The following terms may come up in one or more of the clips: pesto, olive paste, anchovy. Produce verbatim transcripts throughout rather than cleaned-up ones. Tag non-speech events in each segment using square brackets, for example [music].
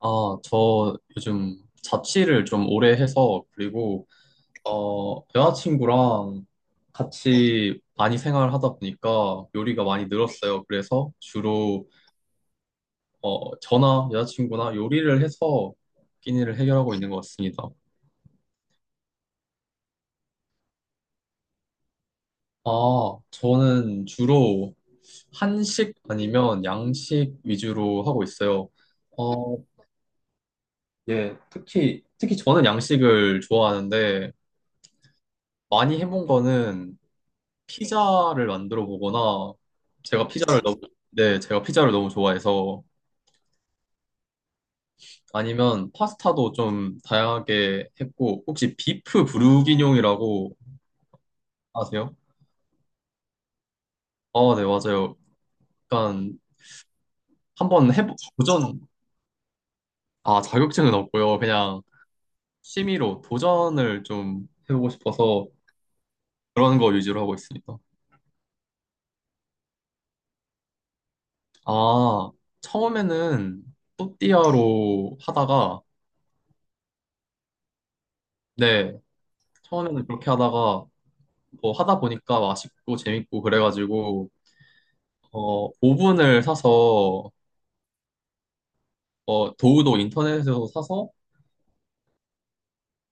아, 저 요즘 자취를 좀 오래 해서 그리고 어, 여자친구랑 같이 많이 생활하다 보니까 요리가 많이 늘었어요. 그래서 주로 어, 저나 여자친구나 요리를 해서 끼니를 해결하고 있는 것 같습니다. 아, 저는 주로 한식 아니면 양식 위주로 하고 있어요. 어, 예, 특히 특히 저는 양식을 좋아하는데 많이 해본 거는 피자를 만들어 보거나 제가 피자를 너무 네, 제가 피자를 너무 좋아해서 아니면 파스타도 좀 다양하게 했고 혹시 비프 브루기뇽이라고 아세요? 아, 네, 맞아요. 약간 한번 해보 도전. 아, 자격증은 없고요. 그냥 취미로 도전을 좀 해보고 싶어서 그런 거 위주로 하고 있습니다. 아, 처음에는 또띠아로 하다가 네, 처음에는 그렇게 하다가 뭐 하다 보니까 맛있고 재밌고 그래가지고 어 오븐을 사서 어 도우도 인터넷에서 사서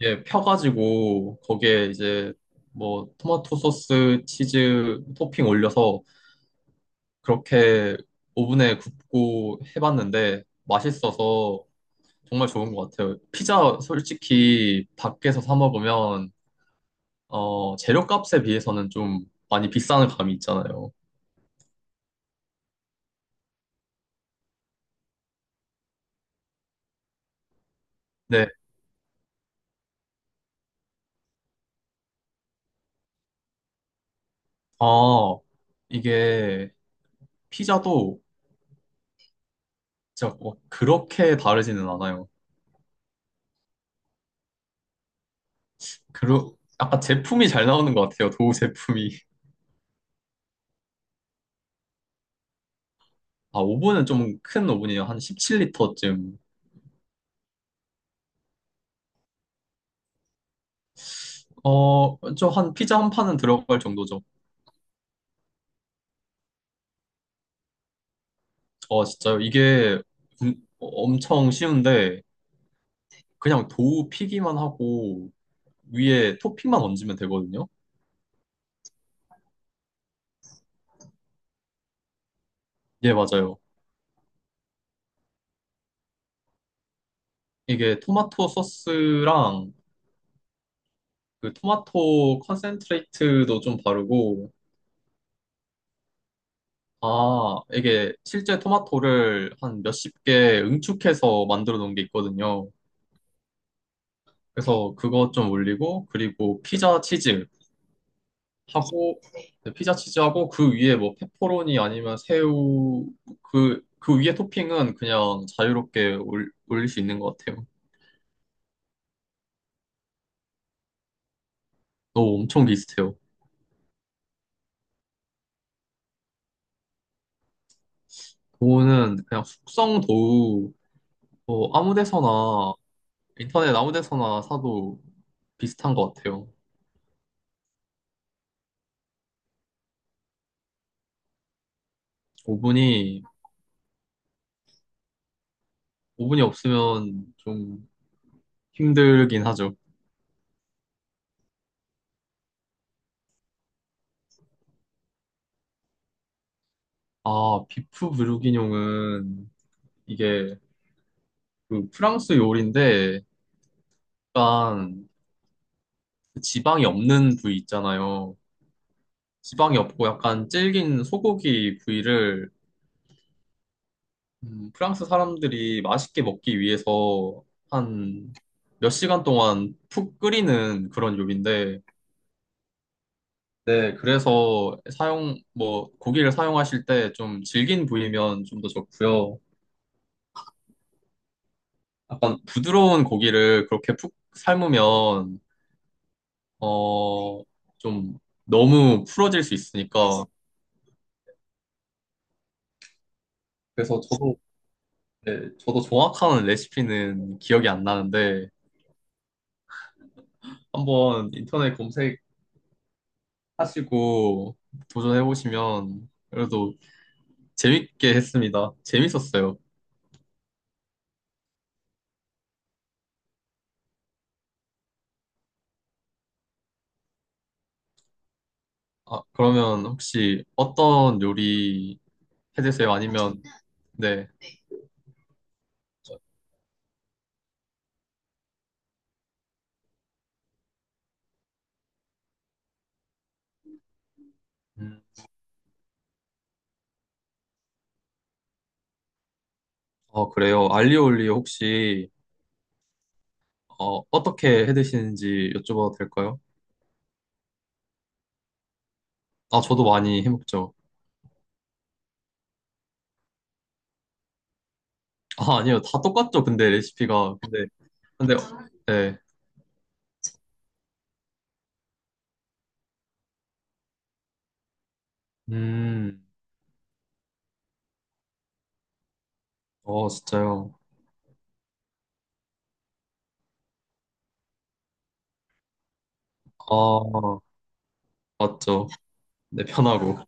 예 펴가지고 거기에 이제 뭐 토마토 소스 치즈 토핑 올려서 그렇게 오븐에 굽고 해봤는데 맛있어서 정말 좋은 것 같아요. 피자 솔직히 밖에서 사 먹으면 어 재료값에 비해서는 좀 많이 비싼 감이 있잖아요. 네. 아 이게 피자도 진짜 뭐 그렇게 다르지는 않아요. 그러, 약간 제품이 잘 나오는 것 같아요. 도우 제품이. 아, 오븐은 좀 큰 오븐이에요. 한 십칠 리터쯤. 어, 저 한 피자 한 판은 들어갈 정도죠. 아, 진짜요. 이게 음, 엄청 쉬운데 그냥 도우 피기만 하고 위에 토핑만 얹으면 되거든요. 예, 맞아요. 이게 토마토 소스랑 그 토마토 컨센트레이트도 좀 바르고 아, 이게 실제 토마토를 한 몇십 개 응축해서 만들어 놓은 게 있거든요. 그래서 그거 좀 올리고, 그리고 피자 치즈 하고, 네, 피자 치즈하고, 그 위에 뭐 페퍼로니 아니면 새우, 그, 그 위에 토핑은 그냥 자유롭게 올, 올릴 수 있는 것 같아요. 너무 엄청 비슷해요. 그거는 그냥 숙성 도우, 뭐 아무 데서나, 인터넷 아무 데서나 사도 비슷한 것 같아요. 오븐이, 오븐이 없으면 좀 힘들긴 하죠. 아, 비프 브루기뇽은 이게 그 프랑스 요리인데 약간 그 지방이 없는 부위 있잖아요. 지방이 없고 약간 질긴 소고기 부위를 음, 프랑스 사람들이 맛있게 먹기 위해서 한 몇 시간 동안 푹 끓이는 그런 요리인데 네, 그래서 사용 뭐 고기를 사용하실 때 좀 질긴 부위면 좀 더 좋고요. 약간 부드러운 고기를 그렇게 푹 삶으면 어, 좀 너무 풀어질 수 있으니까. 그래서 저도, 네, 저도 정확한 레시피는 기억이 안 나는데, 한번 인터넷 검색하시고 도전해보시면 그래도 재밌게 했습니다. 재밌었어요. 아, 그러면 혹시 어떤 요리 해드세요? 아니면, 네. 음, 어, 그래요. 알리올리 혹시, 어, 어떻게 해드시는지 여쭤봐도 될까요? 아, 저도 많이 해먹죠. 아, 아니요. 다 똑같죠. 근데 레시피가. 근데, 근데, 네. 음, 어, 진짜요. 아, 맞죠. 네, 편하고.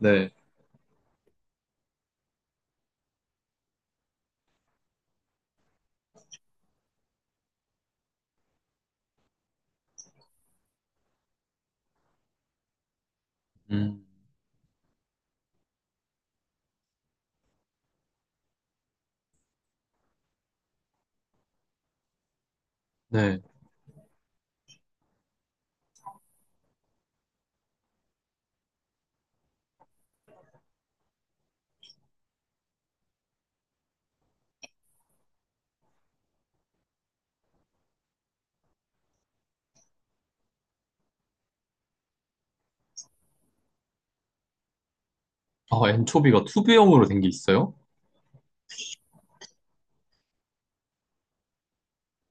네. 음, 네. 아, 엔초비가 투브형으로 된 게 있어요?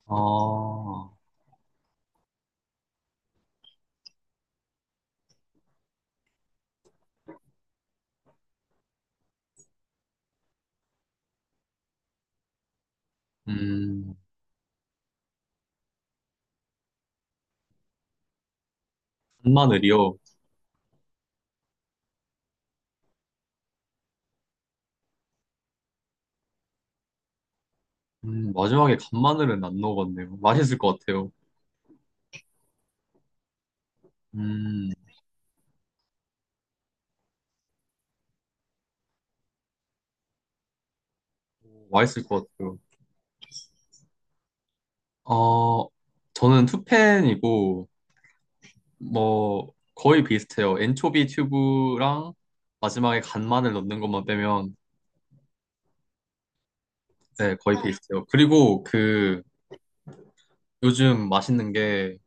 아, 음, 간마늘이요. 음, 마지막에 간마늘은 안 넣어봤네요. 맛있을 것 같아요. 음, 맛있을 것 같아요. 어, 저는 투펜이고, 뭐, 거의 비슷해요. 엔초비 튜브랑 마지막에 간마늘 넣는 것만 빼면 네, 거의 어. 페이스트요. 그리고 그 요즘 맛있는 게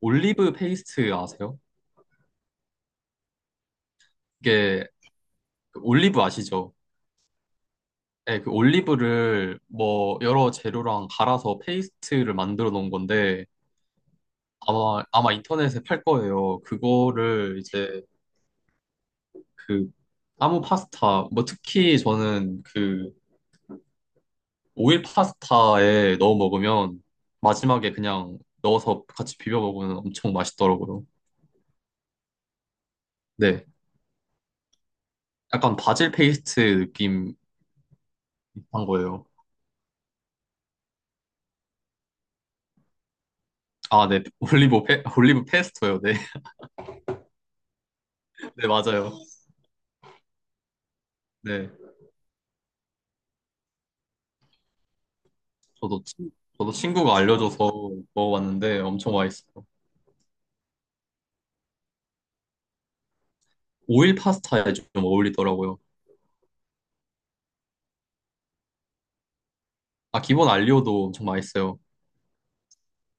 올리브 페이스트 아세요? 이게 그 올리브 아시죠? 네, 그 올리브를 뭐 여러 재료랑 갈아서 페이스트를 만들어 놓은 건데 아마 아마 인터넷에 팔 거예요. 그거를 이제 그 아무 파스타 뭐 특히 저는 그 오일 파스타에 넣어 먹으면 마지막에 그냥 넣어서 같이 비벼 먹으면 엄청 맛있더라고요. 네. 약간 바질 페이스트 비슷한 거예요. 아, 네. 올리브 페, 올리브 페스토요. 네. [laughs] 네, 맞아요. 네. 저도 친, 저도 친구가 알려줘서 먹어봤는데 엄청 맛있어요. 오일 파스타에 좀 어울리더라고요. 아, 기본 알리오도 엄청 맛있어요.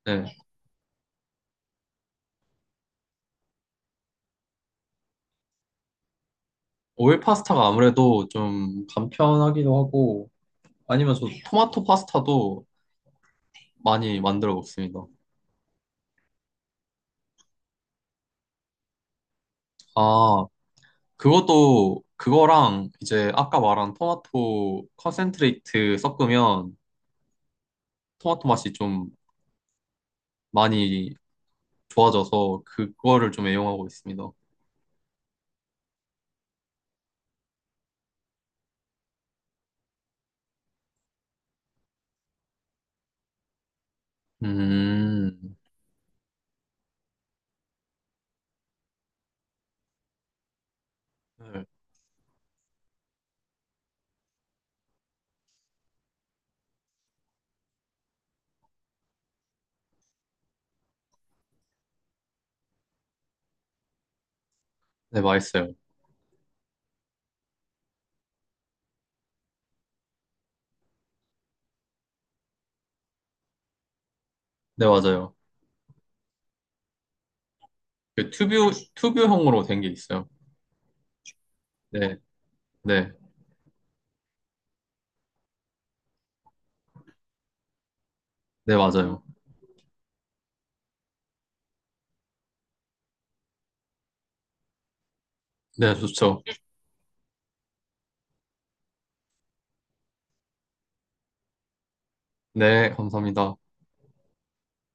네. 오일 파스타가 아무래도 좀 간편하기도 하고 아니면 저 토마토 파스타도 많이 만들어 먹습니다. 아, 그것도 그거랑 이제 아까 말한 토마토 컨센트레이트 섞으면 토마토 맛이 좀 많이 좋아져서 그거를 좀 애용하고 있습니다. 음, 네, 네, 맛있어요. 네, 맞아요. 그 튜브, 튜브형으로 된 게 있어요. 네, 네, 네, 맞아요. 네, 좋죠. 네, 감사합니다.